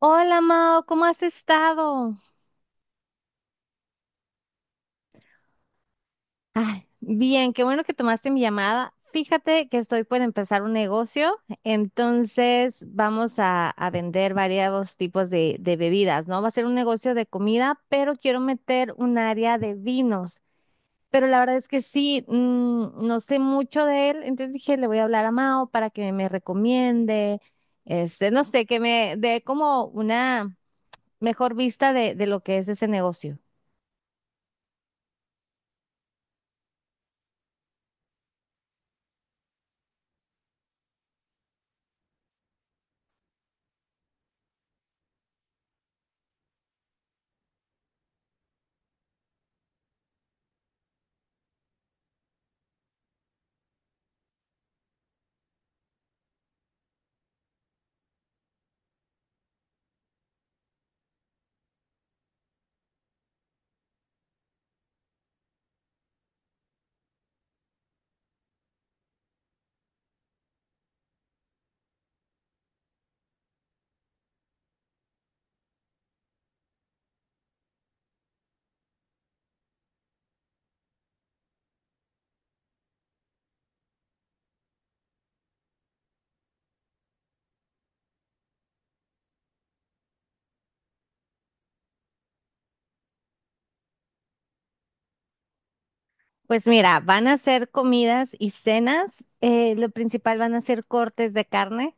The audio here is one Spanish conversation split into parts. Hola Mao, ¿cómo has estado? Ay, bien, qué bueno que tomaste mi llamada. Fíjate que estoy por empezar un negocio, entonces vamos a vender varios tipos de bebidas, ¿no? Va a ser un negocio de comida, pero quiero meter un área de vinos. Pero la verdad es que sí, no sé mucho de él, entonces dije, le voy a hablar a Mao para que me recomiende, este, no sé, que me dé como una mejor vista de lo que es ese negocio. Pues mira, van a ser comidas y cenas. Lo principal van a ser cortes de carne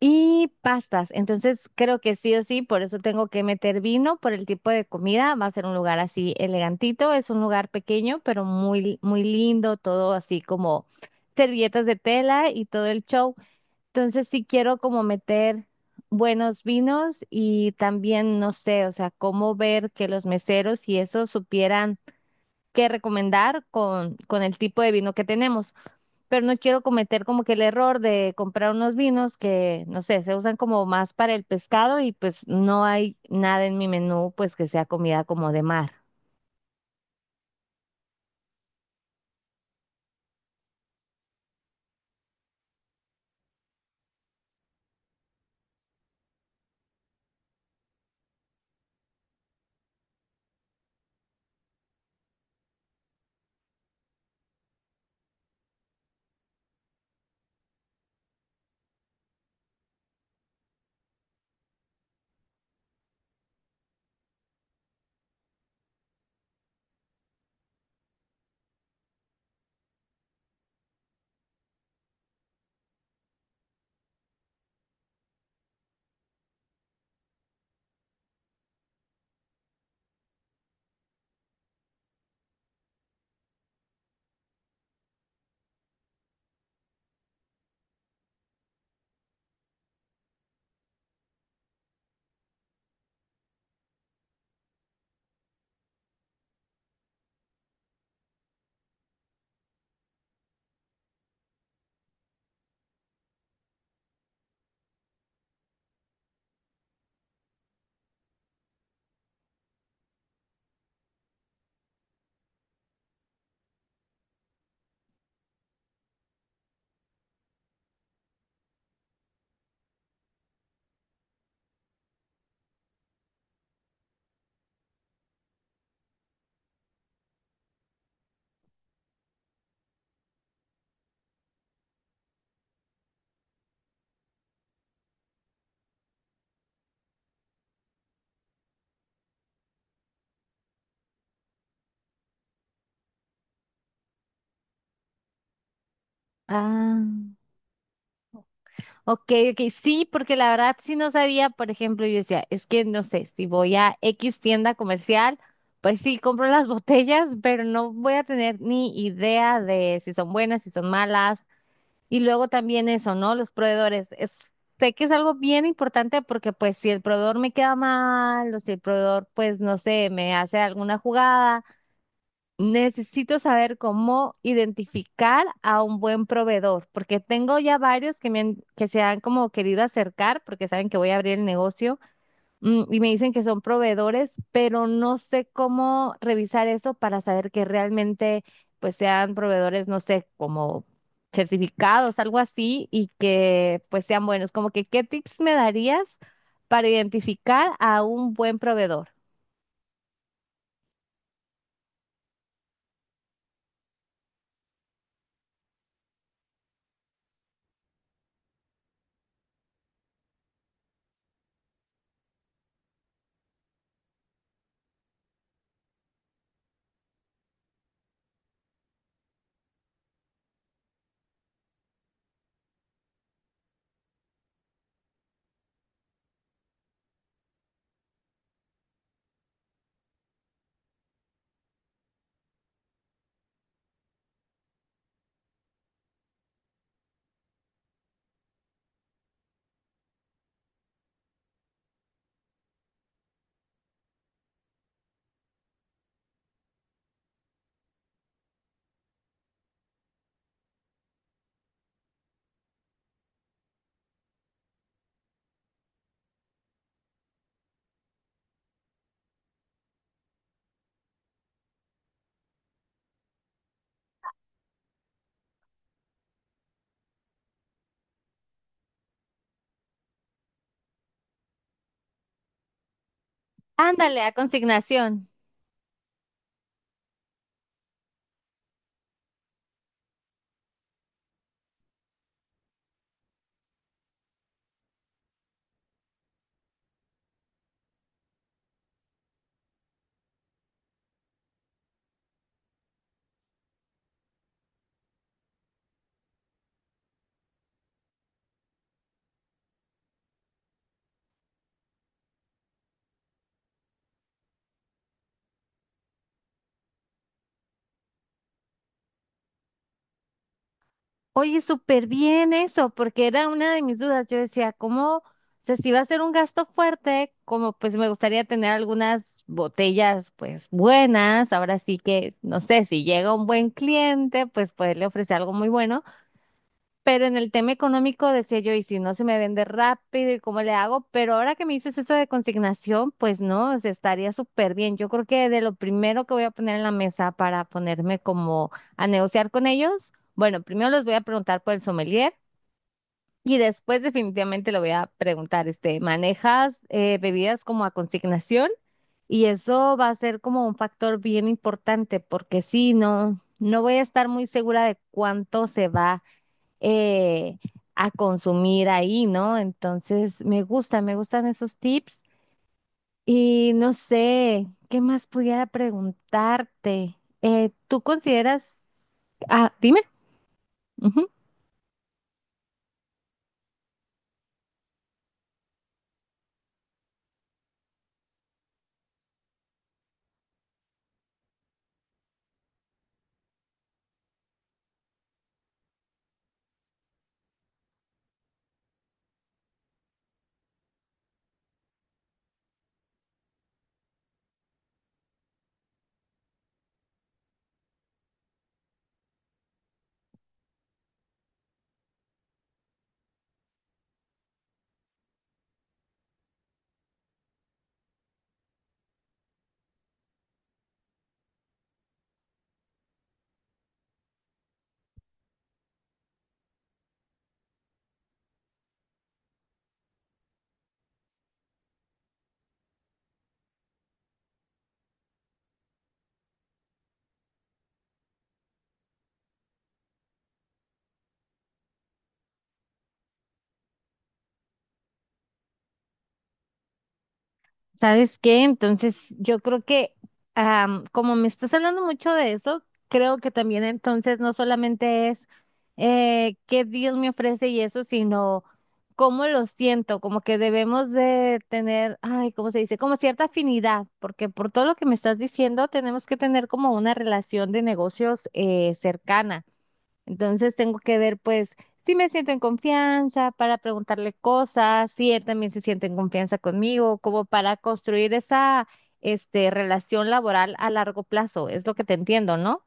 y pastas. Entonces creo que sí o sí, por eso tengo que meter vino por el tipo de comida. Va a ser un lugar así elegantito. Es un lugar pequeño, pero muy, muy lindo, todo así como servilletas de tela y todo el show. Entonces sí quiero como meter buenos vinos y también, no sé, o sea, cómo ver que los meseros y eso supieran que recomendar con el tipo de vino que tenemos. Pero no quiero cometer como que el error de comprar unos vinos que, no sé, se usan como más para el pescado y pues no hay nada en mi menú pues que sea comida como de mar. Ah, ok, ok, sí, porque la verdad sí no sabía, por ejemplo, yo decía, es que no sé, si voy a X tienda comercial, pues sí, compro las botellas, pero no voy a tener ni idea de si son buenas, si son malas. Y luego también eso, ¿no? Los proveedores. Es, sé que es algo bien importante porque pues si el proveedor me queda mal o si el proveedor pues no sé, me hace alguna jugada, necesito saber cómo identificar a un buen proveedor porque tengo ya varios que, me han- que se han como querido acercar porque saben que voy a abrir el negocio, y me dicen que son proveedores, pero no sé cómo revisar eso para saber que realmente pues sean proveedores, no sé, como certificados, algo así, y que pues sean buenos. Como que, ¿qué tips me darías para identificar a un buen proveedor? Ándale, a consignación. Oye, súper bien eso, porque era una de mis dudas. Yo decía, ¿cómo? O sea, si va a ser un gasto fuerte, como pues me gustaría tener algunas botellas pues buenas. Ahora sí que, no sé, si llega un buen cliente, pues poderle ofrecer algo muy bueno. Pero en el tema económico decía yo, y si no se me vende rápido, ¿y cómo le hago? Pero ahora que me dices esto de consignación, pues no, o sea, estaría súper bien. Yo creo que de lo primero que voy a poner en la mesa para ponerme como a negociar con ellos, bueno, primero les voy a preguntar por el sommelier y después definitivamente le voy a preguntar, este, ¿manejas bebidas como a consignación? Y eso va a ser como un factor bien importante porque si no, no voy a estar muy segura de cuánto se va eh, a consumir ahí, ¿no? Entonces, me gusta, me gustan esos tips. Y no sé, ¿qué más pudiera preguntarte? ¿Tú consideras... Ah, dime. ¿Sabes qué? Entonces, yo creo que como me estás hablando mucho de eso, creo que también entonces no solamente es qué Dios me ofrece y eso, sino cómo lo siento, como que debemos de tener, ay, ¿cómo se dice? Como cierta afinidad, porque por todo lo que me estás diciendo, tenemos que tener como una relación de negocios cercana. Entonces tengo que ver, pues, si me siento en confianza para preguntarle cosas, si él también se siente en confianza conmigo, como para construir esa, este, relación laboral a largo plazo. Es lo que te entiendo, ¿no?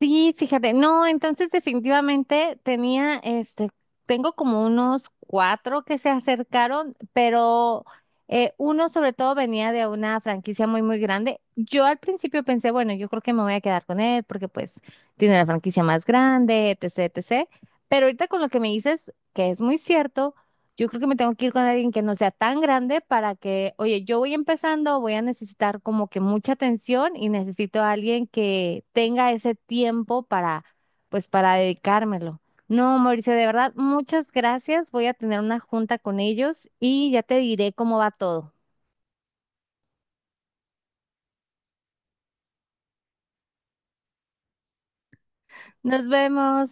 Sí, fíjate, no, entonces definitivamente tenía, este, tengo como unos cuatro que se acercaron, pero uno sobre todo venía de una franquicia muy, muy grande. Yo al principio pensé, bueno, yo creo que me voy a quedar con él porque pues tiene la franquicia más grande, etcétera, etcétera. Pero ahorita con lo que me dices, que es muy cierto, yo creo que me tengo que ir con alguien que no sea tan grande para que, oye, yo voy empezando, voy a necesitar como que mucha atención y necesito a alguien que tenga ese tiempo para, pues, para dedicármelo. No, Mauricio, de verdad, muchas gracias. Voy a tener una junta con ellos y ya te diré cómo va todo. Nos vemos.